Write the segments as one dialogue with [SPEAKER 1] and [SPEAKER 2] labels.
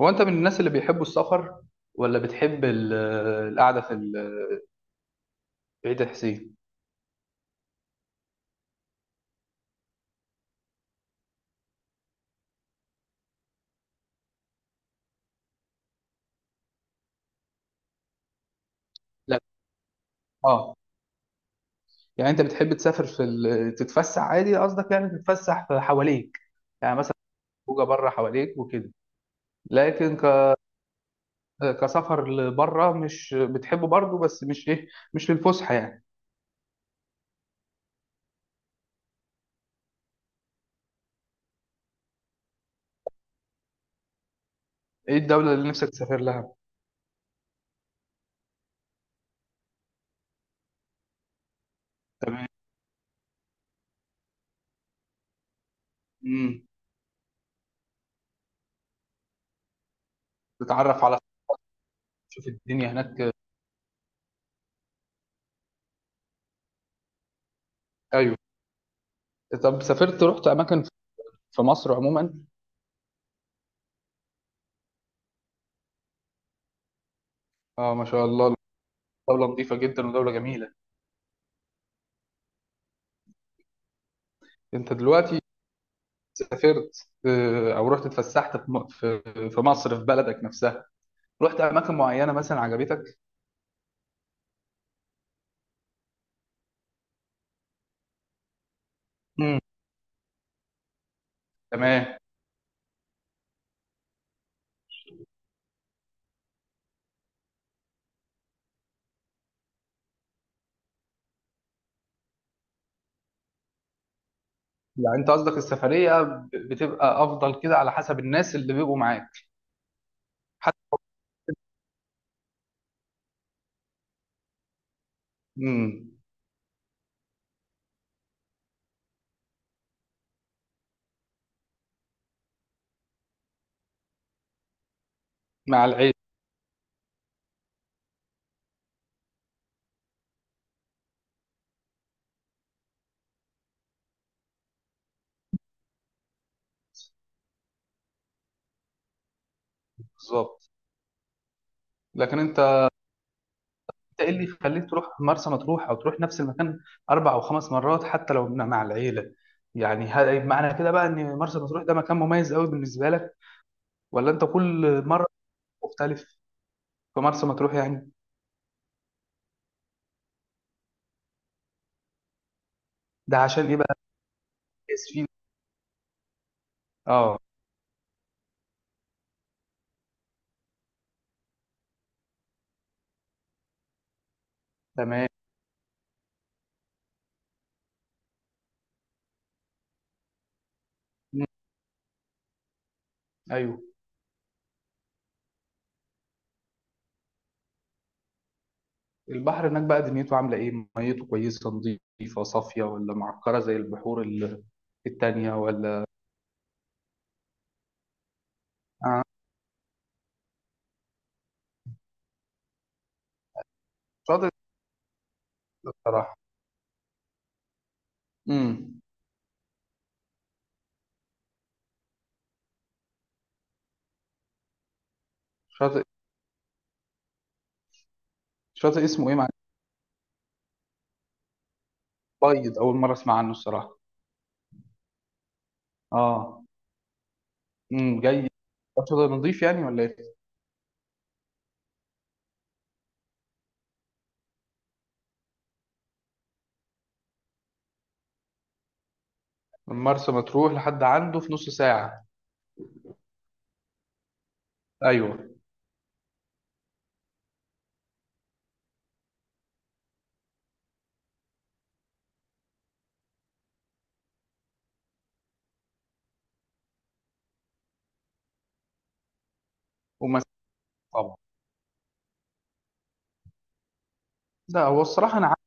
[SPEAKER 1] هو انت من الناس اللي بيحبوا السفر ولا بتحب القعده في بعيد يا حسين؟ لا. اه. يعني انت بتحب تسافر في تتفسح عادي، قصدك يعني تتفسح في حواليك. يعني مثلا، خروجه بره حواليك وكده. لكن كسفر لبره مش بتحبه برضه، بس مش ايه. مش للفسحه يعني. ايه الدوله اللي نفسك تسافر لها؟ تمام. امم تتعرف على تشوف الدنيا هناك. ايوه. طب سافرت، رحت اماكن في مصر عموما؟ اه، ما شاء الله. دوله نظيفه جدا ودوله جميله. انت دلوقتي سافرت او رحت اتفسحت في في مصر، في بلدك نفسها، رحت اماكن معينه مثلا عجبتك؟ مم. تمام. يعني انت قصدك السفريه بتبقى افضل كده على حسب الناس اللي بيبقوا معاك؟ حتى. مم. مع العيله. بالظبط. لكن انت ايه اللي يخليك تروح مرسى مطروح او تروح نفس المكان 4 أو 5 مرات حتى لو مع العيله؟ يعني هل معنى كده بقى ان مرسى مطروح ده مكان مميز قوي بالنسبه لك، ولا انت كل مره مختلف في مرسى مطروح يعني؟ ده عشان ايه بقى؟ اسفين. اه. تمام. مم. ايوه. البحر هناك بقى دنيته عامله ايه، ميته كويسه نظيفه صافيه ولا معكره زي البحور التانية ولا؟ شاطئ. الصراحه. امم شاطئ شاطئ اسمه ايه معلش؟ بيض، اول مره اسمع عنه الصراحه. اه. جاي. شاطئ نظيف يعني ولا ايه؟ من مرسى مطروح لحد عنده في نص ساعه؟ ايوه. ومسافه. طبعا. لا، هو الصراحه انا عارف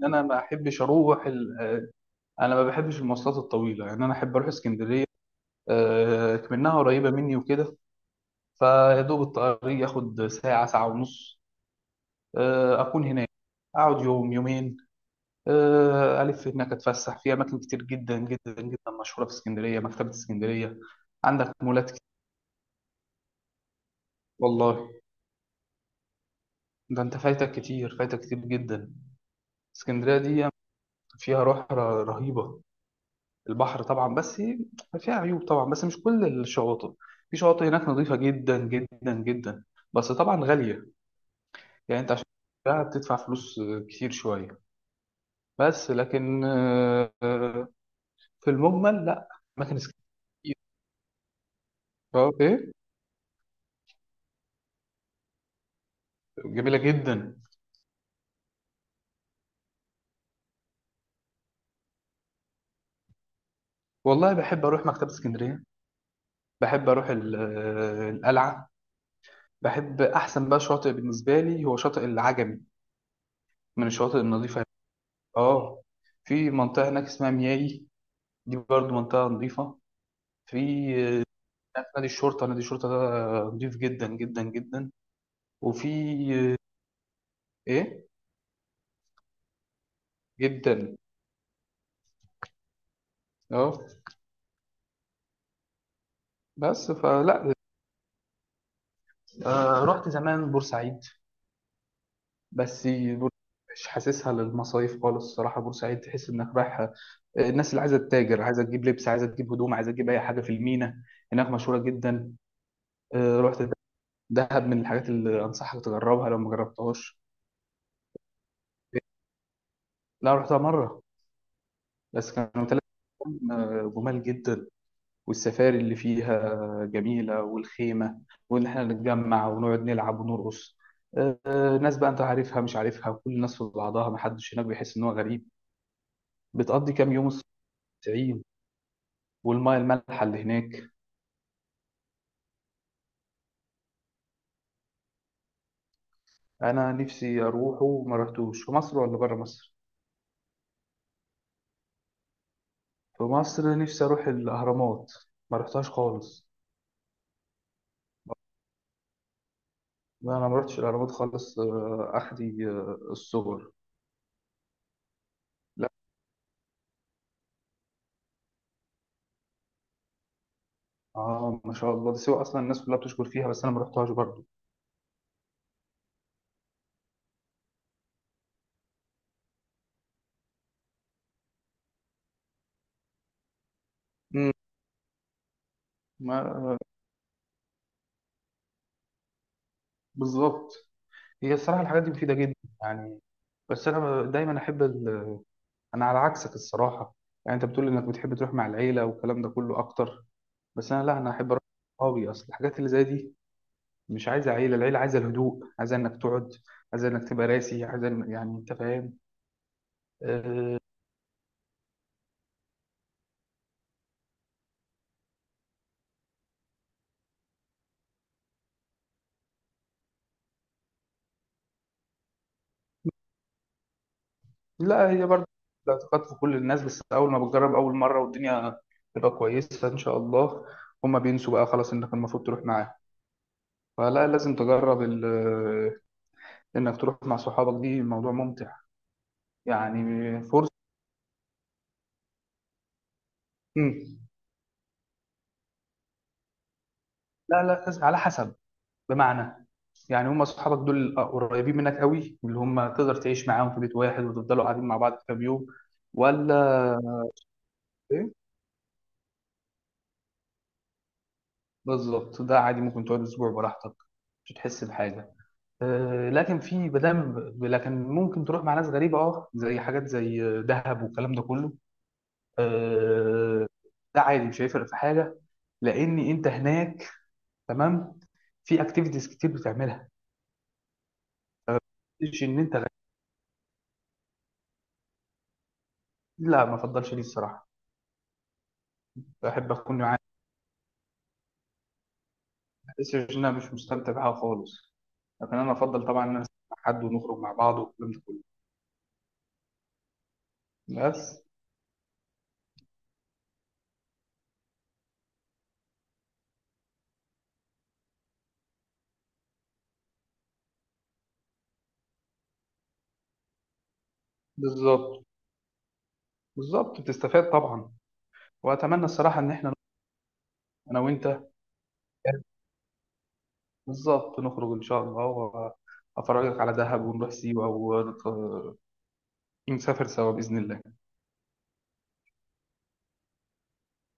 [SPEAKER 1] ان انا ما احبش اروح انا ما بحبش المواصلات الطويله. يعني انا احب اروح اسكندريه. منها قريبة مني وكده. فيا دوب الطريق ياخد ساعة، ساعة ونص. أكون هناك. أقعد يوم يومين. ألف هناك أتفسح في أماكن كتير جدا جدا جدا مشهورة في اسكندرية، مكتبة اسكندرية. عندك مولات كتير. والله. ده أنت فايتك كتير، فايتك كتير جدا. اسكندرية دي فيها روح رهيبة. البحر طبعا، بس فيها عيوب طبعا، بس مش كل الشواطئ. في شواطئ هناك نظيفة جدا جدا جدا، بس طبعا غالية. يعني انت عشان تشتريها بتدفع فلوس كتير شويه، بس لكن في المجمل لا. اماكن اسكندريه. اه، ايه. جميله جدا. والله بحب اروح مكتبه اسكندريه. بحب اروح القلعه. بحب احسن بقى شاطئ بالنسبه لي هو شاطئ العجمي، من الشواطئ النظيفه. اه. في منطقه هناك اسمها مياي، دي برضو منطقه نظيفه. في آه، نادي الشرطه، نادي الشرطه ده نظيف جدا جدا جدا. وفي آه، ايه. جدا. اه. بس فلا. رحت زمان بورسعيد. بس مش حاسسها للمصايف خالص الصراحة. بورسعيد تحس انك رايح الناس اللي عايزة تتاجر، عايزة تجيب لبس، عايزة تجيب هدوم، عايزة تجيب اي حاجة، في المينا هناك مشهورة جدا. رحت دهب من الحاجات اللي انصحك تجربها لو ما جربتهاش. لا، رحتها مرة. بس كانوا ثلاث. جمال جدا. والسفاري اللي فيها جميلة والخيمة. وإن إحنا نتجمع ونقعد نلعب ونرقص. ناس بقى أنت عارفها مش عارفها، كل الناس في بعضها، محدش هناك بيحس إن هو غريب. بتقضي كام يوم. الصين، والمية المالحة اللي هناك. أنا نفسي أروحه وما رحتوش في مصر ولا بره مصر. في مصر نفسي أروح الأهرامات. ما رحتهاش خالص. لا، أنا ما رحتش الأهرامات خالص. أخدي الصور. لا. ما شاء الله، دي سيوة أصلا الناس كلها بتشكر فيها، بس أنا ما رحتهاش برضه. ما. بالظبط. هي الصراحه الحاجات دي مفيده جدا. يعني. بس انا دايما احب انا على عكسك الصراحه. يعني انت بتقول انك بتحب تروح مع العيله والكلام ده كله اكتر. بس انا، لا، انا احب اروح مع صحابي، اصل الحاجات اللي زي دي مش عايزه عيله. العيله عايزه الهدوء، عايزه انك تقعد، عايزه انك تبقى راسي، عايزه يعني انت فاهم. أه... لا، هي برضه الاعتقاد في كل الناس، بس اول ما بتجرب اول مره والدنيا تبقى كويسه ان شاء الله. هما بينسوا بقى خلاص، انك المفروض تروح معاهم. فلا، لازم تجرب انك تروح مع صحابك، دي موضوع ممتع. يعني. فرصه. مم. لا، لا، على حسب. بمعنى، يعني هم صحابك دول قريبين منك قوي، اللي هم تقدر تعيش معاهم في بيت واحد وتفضلوا قاعدين مع بعض كام يوم، ولا ايه؟ بالظبط، ده عادي، ممكن تقعد اسبوع براحتك. مش هتحس بحاجه. أه، لكن في بدل، لكن ممكن تروح مع ناس غريبه زي حاجات زي دهب والكلام ده كله. أه. ده عادي مش هيفرق في حاجه. لان انت هناك. تمام. في اكتيفيتيز كتير بتعملها. مش ان انت لا، ما افضلش دي الصراحه. بحب اكون معايا، بس مش ان انا مش مستمتع بها خالص. لكن انا افضل طبعا ان انا أسافر مع حد ونخرج مع بعض والكلام ده كله. بس. بالظبط. بالظبط بتستفاد طبعا. واتمنى الصراحه ان احنا، انا وانت، بالظبط نخرج ان شاء الله، وافرجك على دهب ونروح سيوه، ونسافر سوا باذن الله.